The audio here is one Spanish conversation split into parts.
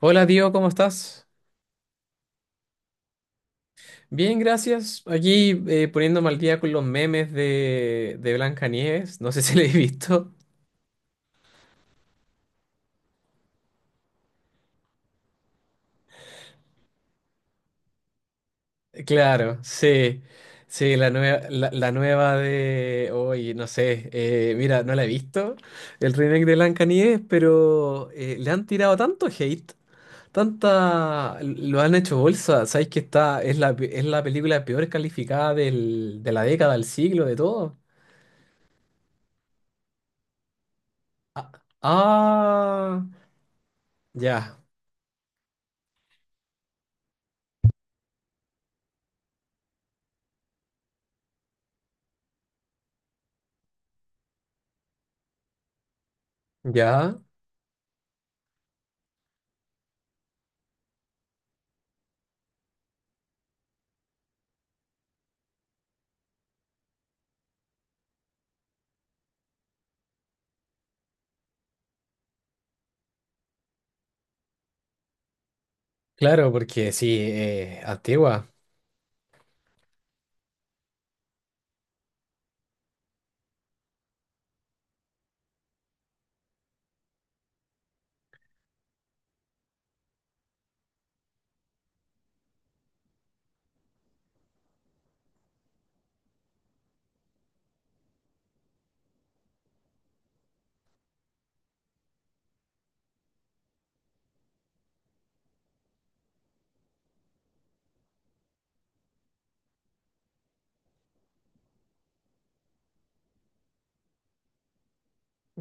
Hola, tío, ¿cómo estás? Bien, gracias. Aquí poniéndome al día con los memes de Blancanieves. No sé si lo he visto. Claro, sí. Sí, la nueva, la nueva de hoy, no sé. Mira, no la he visto. El remake de Blancanieves, pero le han tirado tanto hate. Tanta. Lo han hecho bolsa. Sabéis que está. Es la, es la película peor calificada de la década, del siglo, de todo. Ah, ah, ya. Ya, claro, porque sí, antigua,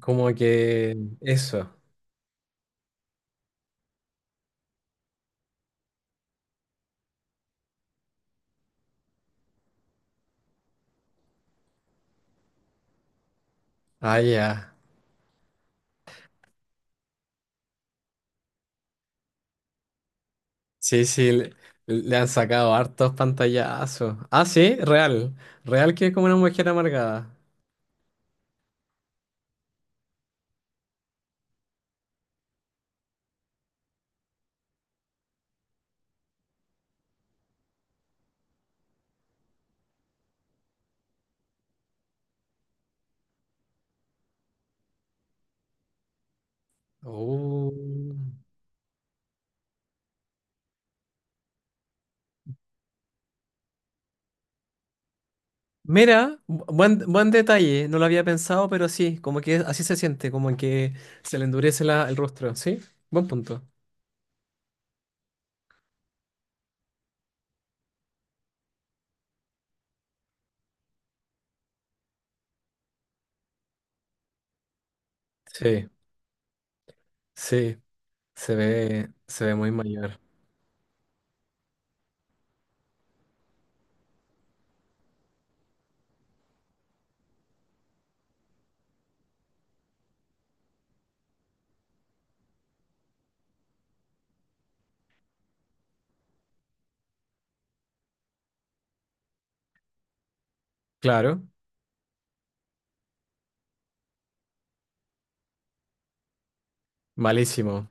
como que eso. Ah, ya. Sí, sí, le han sacado hartos pantallazos. Ah, sí, real. Real que es como una mujer amargada. Uh. Mira, buen, buen detalle, no lo había pensado, pero sí, como que así se siente, como que se le endurece el rostro, ¿sí? Buen punto. Sí, sí, se ve muy mayor. Claro, malísimo.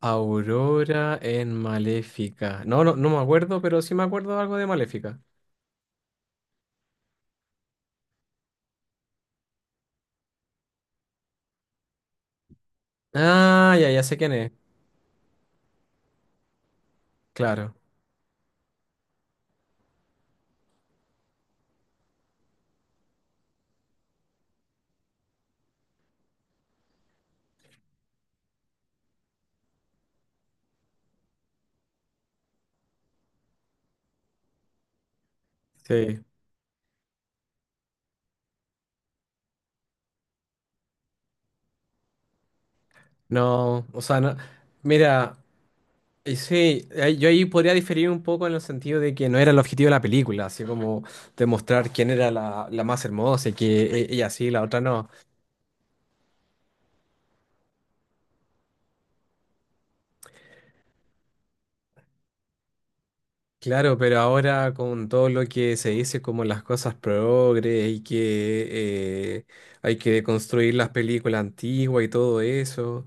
Aurora en Maléfica. No, no, no me acuerdo, pero sí me acuerdo de algo de Maléfica. Ah, ya, ya sé quién es. Claro. Sí. No, o sea, no. Mira, y sí, yo ahí podría diferir un poco en el sentido de que no era el objetivo de la película, así como demostrar quién era la, la más hermosa y que ella sí, la otra no. Claro, pero ahora con todo lo que se dice como las cosas progres y que hay que construir las películas antiguas y todo eso.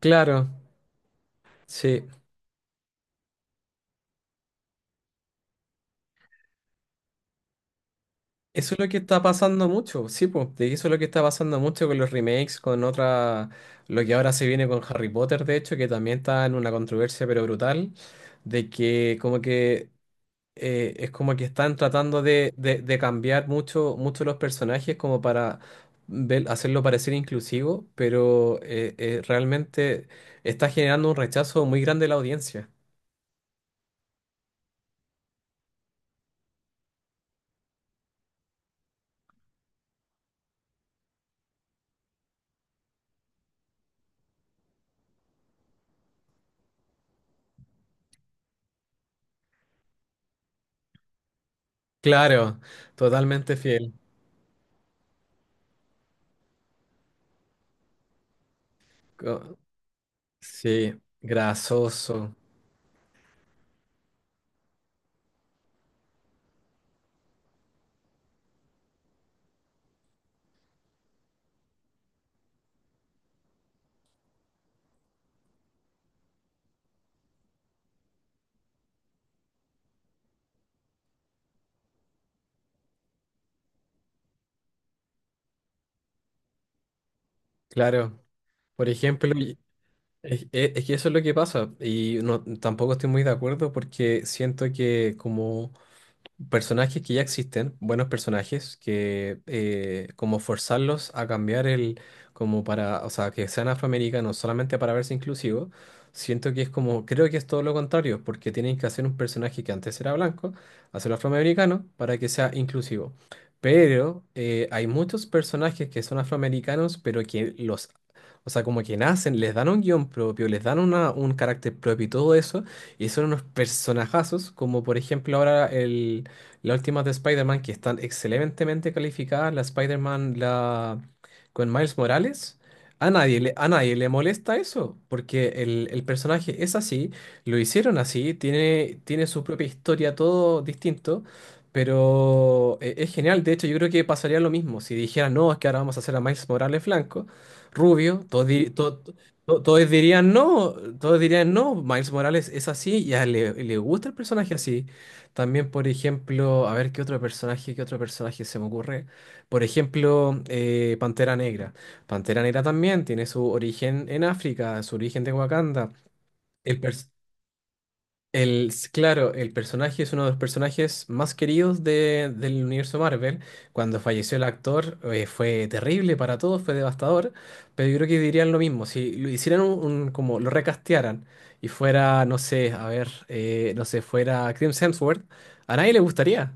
Claro, sí. Eso es lo que está pasando mucho, sí, pues. Eso es lo que está pasando mucho con los remakes, con otra, lo que ahora se viene con Harry Potter, de hecho, que también está en una controversia pero brutal, de que como que es como que están tratando de, de cambiar mucho, mucho los personajes como para hacerlo parecer inclusivo, pero realmente está generando un rechazo muy grande de la audiencia. Claro, totalmente fiel. Sí, grasoso, claro. Por ejemplo, es, es que eso es lo que pasa y no, tampoco estoy muy de acuerdo porque siento que como personajes que ya existen, buenos personajes, que como forzarlos a cambiar el, como para, o sea, que sean afroamericanos no solamente para verse inclusivos, siento que es como, creo que es todo lo contrario, porque tienen que hacer un personaje que antes era blanco, hacerlo afroamericano para que sea inclusivo. Pero hay muchos personajes que son afroamericanos, pero que los... O sea, como que nacen, les dan un guión propio, les dan una, un carácter propio y todo eso, y son unos personajazos, como por ejemplo ahora el, las últimas de Spider-Man que están excelentemente calificadas, la Spider-Man la... con Miles Morales, a nadie le molesta eso, porque el personaje es así, lo hicieron así, tiene, tiene su propia historia, todo distinto, pero es genial. De hecho, yo creo que pasaría lo mismo si dijeran, no, es que ahora vamos a hacer a Miles Morales blanco, rubio, todos, to- todos dirían no, todos dirían no, Miles Morales es así y a él le, le gusta el personaje así. También, por ejemplo, a ver qué otro personaje se me ocurre. Por ejemplo, Pantera Negra. Pantera Negra también tiene su origen en África, su origen de Wakanda. El pers- claro, el personaje es uno de los personajes más queridos del universo Marvel. Cuando falleció el actor, fue terrible para todos, fue devastador. Pero yo creo que dirían lo mismo, si lo hicieran un, como lo recastearan y fuera, no sé, a ver, no sé, fuera Chris Hemsworth, a nadie le gustaría.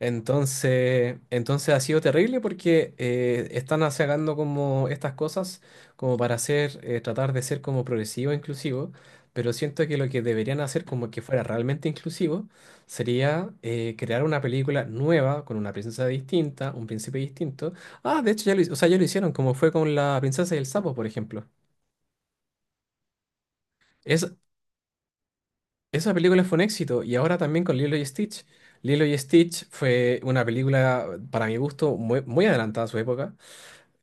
Entonces, entonces ha sido terrible porque están sacando como estas cosas como para hacer, tratar de ser como progresivo e inclusivo, pero siento que lo que deberían hacer como que fuera realmente inclusivo sería crear una película nueva con una princesa distinta, un príncipe distinto. Ah, de hecho ya lo, o sea, ya lo hicieron, como fue con la princesa y el sapo, por ejemplo. Es, esa película fue un éxito y ahora también con Lilo y Stitch. Lilo y Stitch fue una película, para mi gusto, muy, muy adelantada a su época.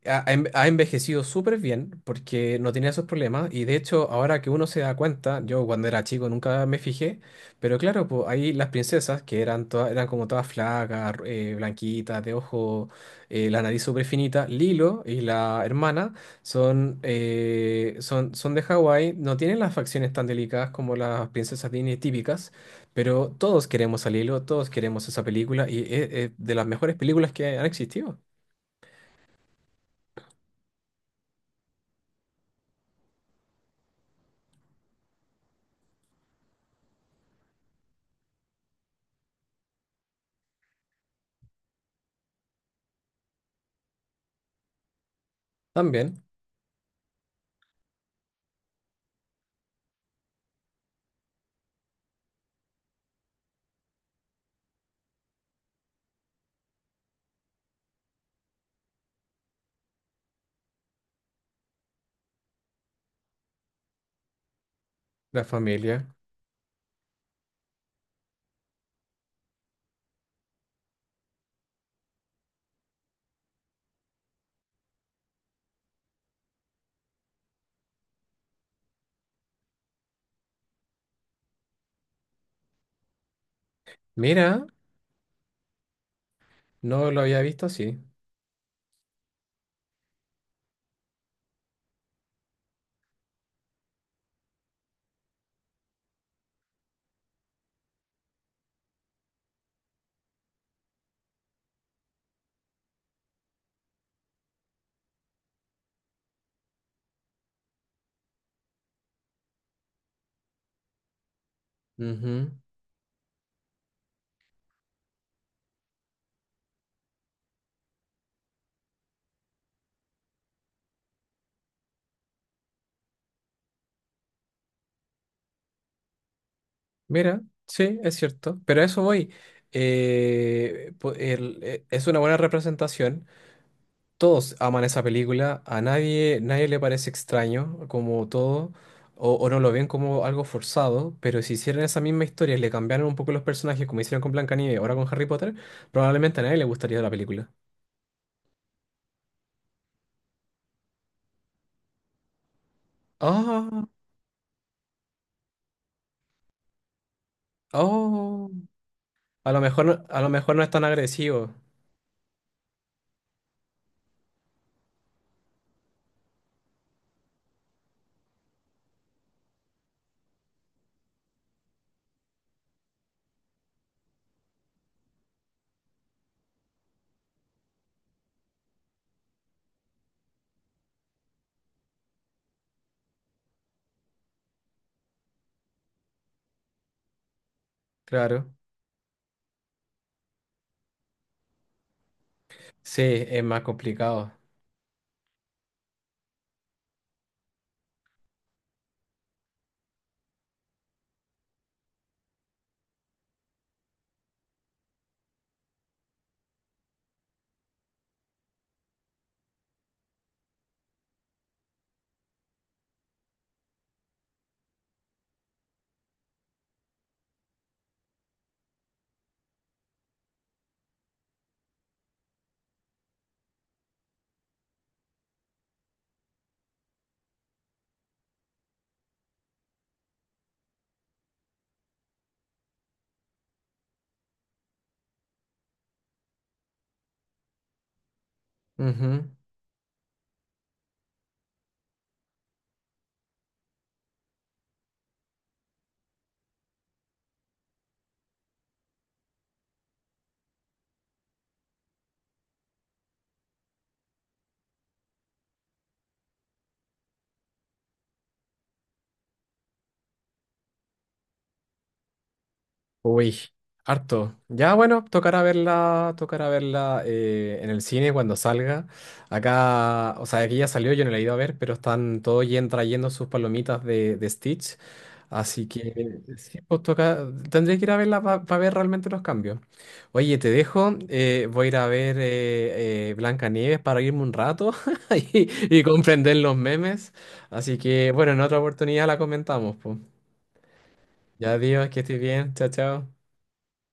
Ha envejecido súper bien porque no tenía esos problemas y de hecho ahora que uno se da cuenta, yo cuando era chico nunca me fijé, pero claro, pues ahí las princesas que eran todas, eran como todas flacas, blanquitas, de ojo, la nariz súper finita, Lilo y la hermana son, son de Hawái, no tienen las facciones tan delicadas como las princesas Disney típicas. Pero todos queremos a Lilo, todos queremos esa película y es de las mejores películas que han existido. También la familia. Mira, no lo había visto así. Ujú. Mira, sí, es cierto. Pero a eso voy. Es una buena representación. Todos aman esa película. A nadie, nadie le parece extraño, como todo. O no lo ven como algo forzado. Pero si hicieran esa misma historia y le cambiaran un poco los personajes, como hicieron con Blancanieves, ahora con Harry Potter, probablemente a nadie le gustaría la película. Ah, oh. A lo mejor, a lo mejor no es tan agresivo. Claro. Sí, es más complicado. Ujú. Uy, harto. Ya bueno, tocará verla en el cine cuando salga. Acá, o sea, aquí ya salió, yo no la he ido a ver, pero están todos trayendo sus palomitas de Stitch. Así que sí, pues toca, tendré que ir a verla para ver realmente los cambios. Oye, te dejo, voy a ir a ver Blancanieves para irme un rato y comprender los memes. Así que bueno, en otra oportunidad la comentamos, pues. Ya, Dios, que estés bien. Chao, chao.